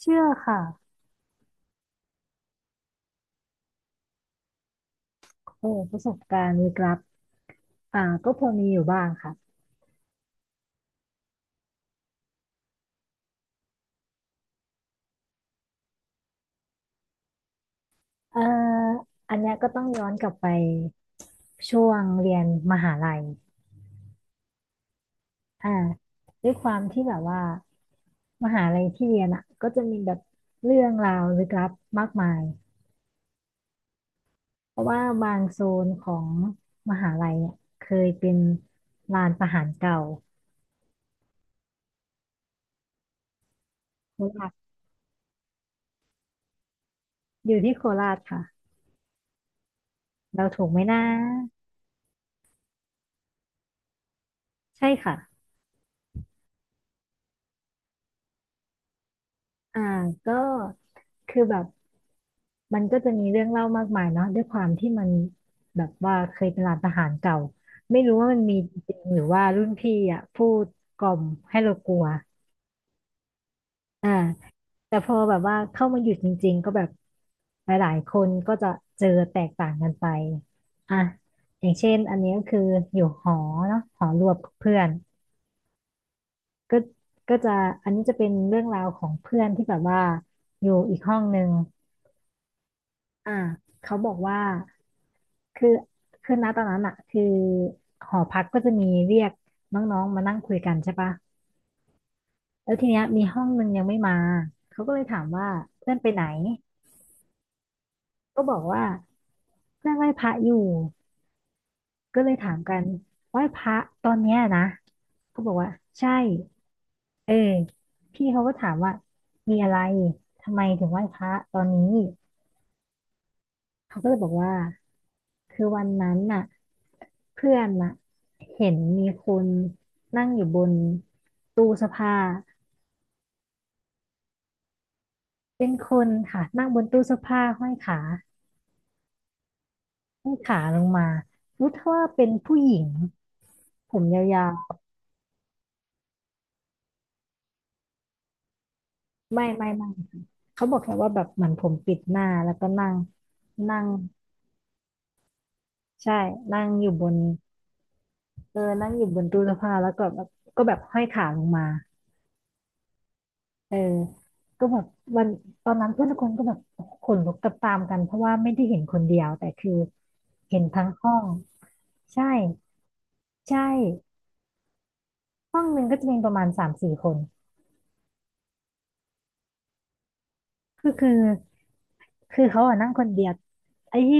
เชื่อค่ะโอ้ประสบการณ์ลึกลับก็พอมีอยู่บ้างค่ะเอ่ออันเนี้ยก็ต้องย้อนกลับไปช่วงเรียนมหาลัยอ่าด้วยความที่แบบว่ามหาลัยที่เรียนอ่ะก็จะมีแบบเรื่องราวลึกลับมากมายเพราะว่าบางโซนของมหาลัยเนี่ยเคยเป็นลานประหารเก่าโคราชอยู่ที่โคราชค่ะเราถูกไหมนะใช่ค่ะอ่าก็คือแบบ มันก็จะมีเรื่องเล่ามากมายเนาะด้วยความที่มันแบบว่าเคยเป็นร้านทหารเก่าไม่รู้ว่ามันมีจริงหรือว่ารุ่นพี่อ่ะพูดกล่อมให้เรากลัวอ่าแต่พอแบบว่าเข้ามาอยู่จริงๆก็แบบหลายๆคนก็จะเจอแตกต่างกันไปอ่ะอย่างเช่นอันนี้ก็คืออยู่หอเนาะหอรวมกับเพื่อนก็ก็จะอันนี้จะเป็นเรื่องราวของเพื่อนที่แบบว่าอยู่อีกห้องหนึ่งอ่าเขาบอกว่า คือคือณตอนนั้นอะคือหอพักก็จะมีเรียกน้องๆมานั่งคุยกันใช่ปะแล้วทีเนี้ยมีห้องนึงยังไม่มาเขาก็เลยถามว่าเพื่อนไปไหนก็บอกว่าเพื่อนไหว้พระอยู่ก็เลยถามกันไหว้พระตอนเนี้ยนะก็บอกว่าใช่เออพี่เขาก็ถามว่ามีอะไรทำไมถึงไหว้พระตอนนี้ เขาก็เลยบอกว่าคือวันนั้นน่ะเพื่อนน่ะเห็นมีคนนั่งอยู่บนตู้เสื้อผ้าเป็นคนค่ะนั่งบนตู้เสื้อผ้าห้อยขาห้อยขาลงมารู้เท่าว่าเป็นผู้หญิงผมยาวๆไม่ไม่ไม่ค่ะเขาบอกแค่ว่าแบบเหมือนผมปิดหน้าแล้วก็นั่งนั่งใช่นั่งอยู่บนเออนั่งอยู่บนตู้เสื้อผ้าแล้วก็แบบก็แบบห้อยขาลงมา เออก็แบบวันตอนนั้นเพื่อนทุกคนก็แบบขนลุกตามๆกันเพราะว่าไม่ได้เห็นคนเดียวแต่คือเห็นทั้งห้องใช่ใช่ห้องหนึ่งก็จะมีประมาณสามสี่คนก็คือคือเขาอะนั่งคนเดียวไอ้ที่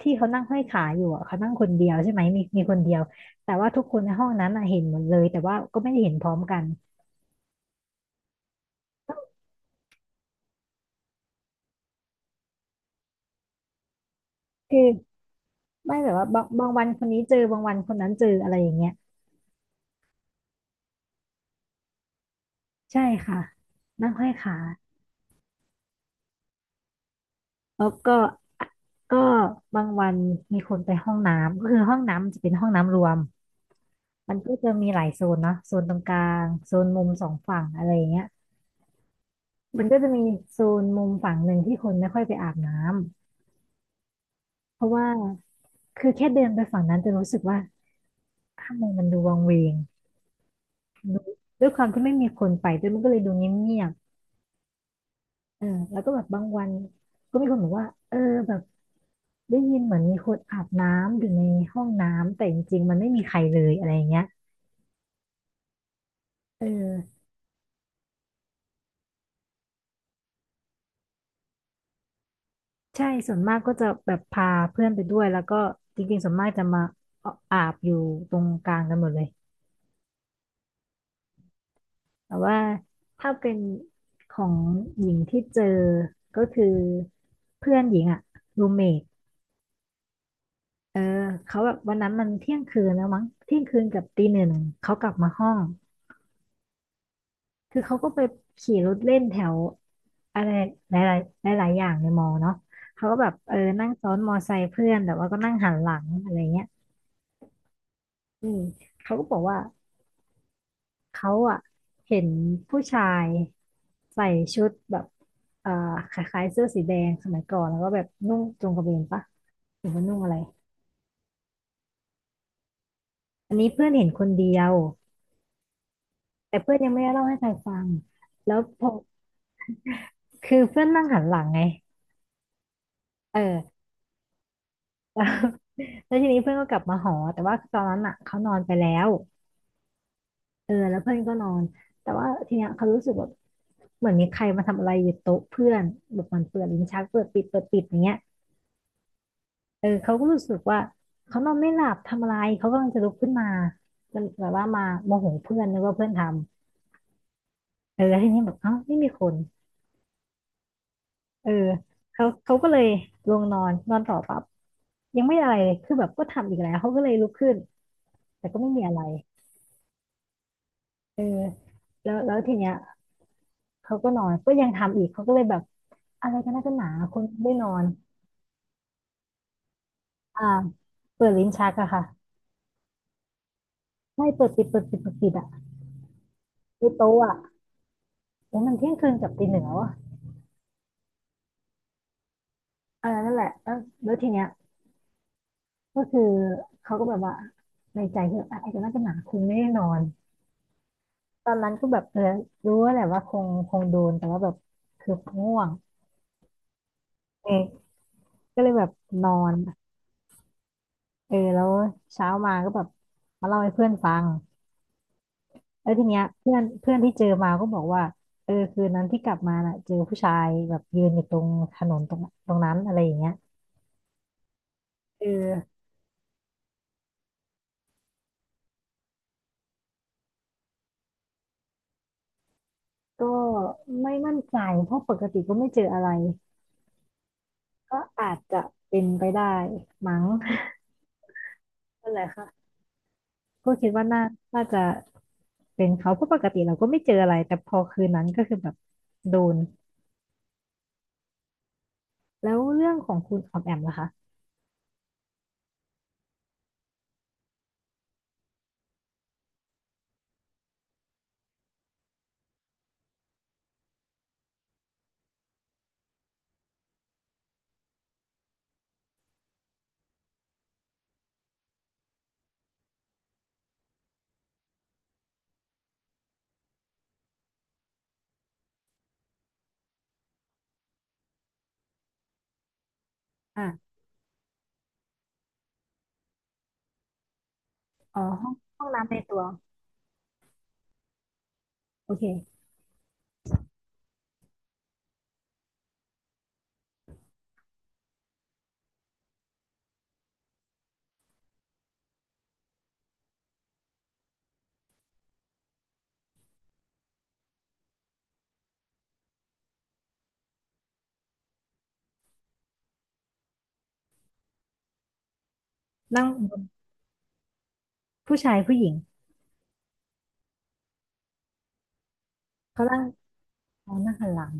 ที่เขานั่งห้อยขาอยู่อะเขานั่งคนเดียวใช่ไหมมีคนเดียวแต่ว่าทุกคนในห้องนั้นอะเห็นหมดเลยแต่ว่าก็ไม่ได้เห็นพร้อมกันคือไม่แบบว่าบางวันคนนี้เจอบางวันคนนั้นเจออะไรอย่างเงี้ยใช่ค่ะนั่งห้อยขา แล้วก็ก็บางวันมีคนไปห้องน้ำก็คือห้องน้ำมันจะเป็นห้องน้ำรวมมันก็จะมีหลายโซนเนาะโซนตรงกลางโซนมุมสองฝั่งอะไรอย่างเงี้ยมันก็จะมีโซนมุมฝั่งหนึ่งที่คนไม่ค่อยไปอาบน้ำเพราะว่าคือแค่เดินไปฝั่งนั้นจะรู้สึกว่าทำไมมันดูวังเวงดูด้วยความที่ไม่มีคนไปด้วยมันก็เลยดูเงียบๆเออแล้วก็แบบบางวันก็มีคนบอกว่าเออแบบได้ยินเหมือนมีคนอาบน้ำอยู่ในห้องน้ำแต่จริงๆมันไม่มีใครเลยอะไรอย่างเงี้ย เออใช่ส่วนมากก็จะแบบพาเพื่อนไปด้วยแล้วก็จริงๆส่วนมากจะมาอาบอยู่ตรงกลางกันหมดเลยแต่ว่าถ้าเป็นของหญิงที่เจอก็คือเพื่อนหญิงอะรูเมทเออเขาแบบวันนั้นมันเที่ยงคืนแล้วมั้งเที่ยงคืนกับตีหนึ่งเขากลับมาห้องคือเขาก็ไปขี่รถเล่นแถวอะไรหลายๆหลายๆอย่างในมอเนาะเขาก็แบบเออนั่งซ้อนมอไซค์เพื่อนแต่ว่าก็นั่งหันหลังอะไรเงี้ยอืมเขาก็บอกว่า เขาอะเห็นผู้ชายใส่ชุดแบบเอ่อคล้ายๆเสื้อสีแดงสมัยก่อนแล้วก็แบบนุ่งจงกระเบนปะหรือว่านุ่งอะไรอันนี้เพื่อนเห็นคนเดียวแต่เพื่อนยังไม่ได้เล่าให้ใครฟังแล้วพอคือเพื่อนนั่งหันหลังไงเออ แล้วแล้วทีนี้เพื่อนก็กลับมาหอแต่ว่าตอนนั้นอะเขานอนไปแล้วเออแล้วเพื่อนก็นอนแต่ว่าทีเนี้ยเขารู้สึกแบบเหมือนมีใครมาทำอะไรอยู่โต๊ะเพื่อนแบบมันเปิดลิ้นชักเปิดปิดเปิดปิดอย่างเงี้ย เออเขาก็รู้สึกว่าเขานอนไม่หลับทำอะไรเขากำลังจะลุกขึ้นมาจนแบบว่ามาโมโหเพื่อนนึกว่าเพื่อนทำเออแล้วทีนี้แบบเอ้าไม่มีคนเออเขาก็เลยลงนอนนอนต่อปั๊บยังไม่อะไรเลยคือแบบก็ทำอีกแล้วเขาก็เลยลุกขึ้นแต่ก็ไม่มีอะไรเออแล้วแล้วทีเนี้ยเขาก็นอนก็ยังทำอีกเขาก็เลยแบบอะไรกันนะกันหนาคนไม่นอนอ่าเปิดลิ้นชักอะค่ะไม่เปิดปิดเปิดปิดเปิดปิดอะในโต๊ะอะโอ้ยมันเที่ยงคืนกับตีหนึ่งแล้วอะเออนั่นแหละแล้วแล้วทีเนี้ย ก็คือเขาก็แบบว่าในใจคืออ่ะไอ้ตัวนั้นจะหนังคงแน่นอนตอนนั้นก็แบบเออรู้ว่าแหละว่าคงโดนแต่ว่าแบบคือง่วงเออก็เลยแบบนอนเออแล้วเช้ามาก็แบบมาเล่าให้เพื่อนฟังแล้วทีเนี้ยเพื่อนเพื่อนที่เจอมาก็บอกว่าเออคืนนั้นที่กลับมาน่ะเจอผู้ชายแบบยืนอยู่ตรงถนนตรงนั้นอะไรอย่างเงี้ยเออก็ไม่มั่นใจเพราะปกติก็ไม่เจออะไรก็อาจจะเป็นไปได้มั้งนั่นแหละค่ะ ก็คิดว่าน่าจะเป็นเขาเพราะปกติเราก็ไม่เจออะไรแต่พอคืนนั้นก็คือแบบโดนแล้วเรื่องของคุณออมแอมล่ะคะอ่ะอ๋อห้องน้ำในตัวโอเคนั่งบนผู้ชายผู้หญิงเขานั่งเขานั่งหันหลัง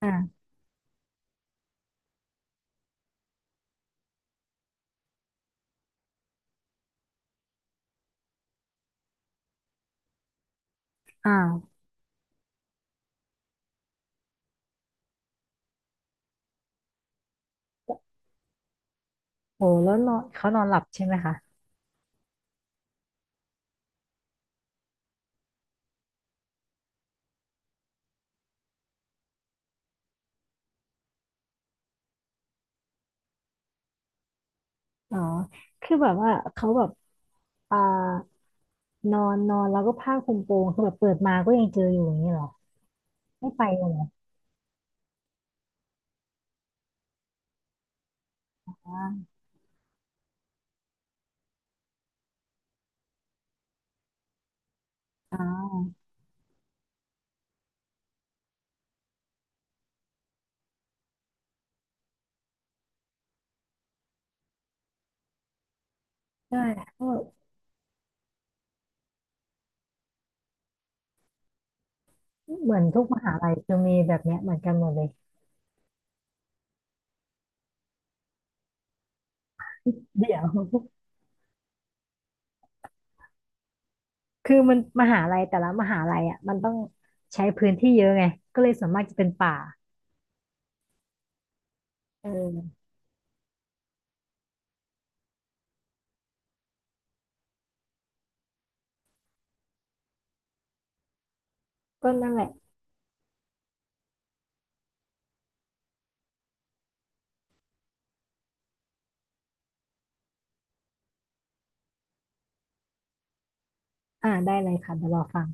อ่ะอ้าวโอ้แล้วนอนเขานอนหลับใช่ไหมคะอ๋อคือแบบว่าเขาแบบอ่านอนนอนแล้วก็ผ้าคลุมโปงคือแบบเปิดมาก็ยังเจออยู่อย่างนี้เหรอไม่ไปเลยเหรอใช่เพราะเหมือนทุกมหาลัยจะมีแบบเนี้ยเหมือนกันหมดเลย เดี๋ยว คือมันมหาลัยแต่ละมหาลัยอ่ะมันต้องใช้พื้นที่เยอะไงก็เลยส่วนมากจะเป็นป่าเออก็นั่นแหละได้เลยค่ะเดี๋ยวรอฟัง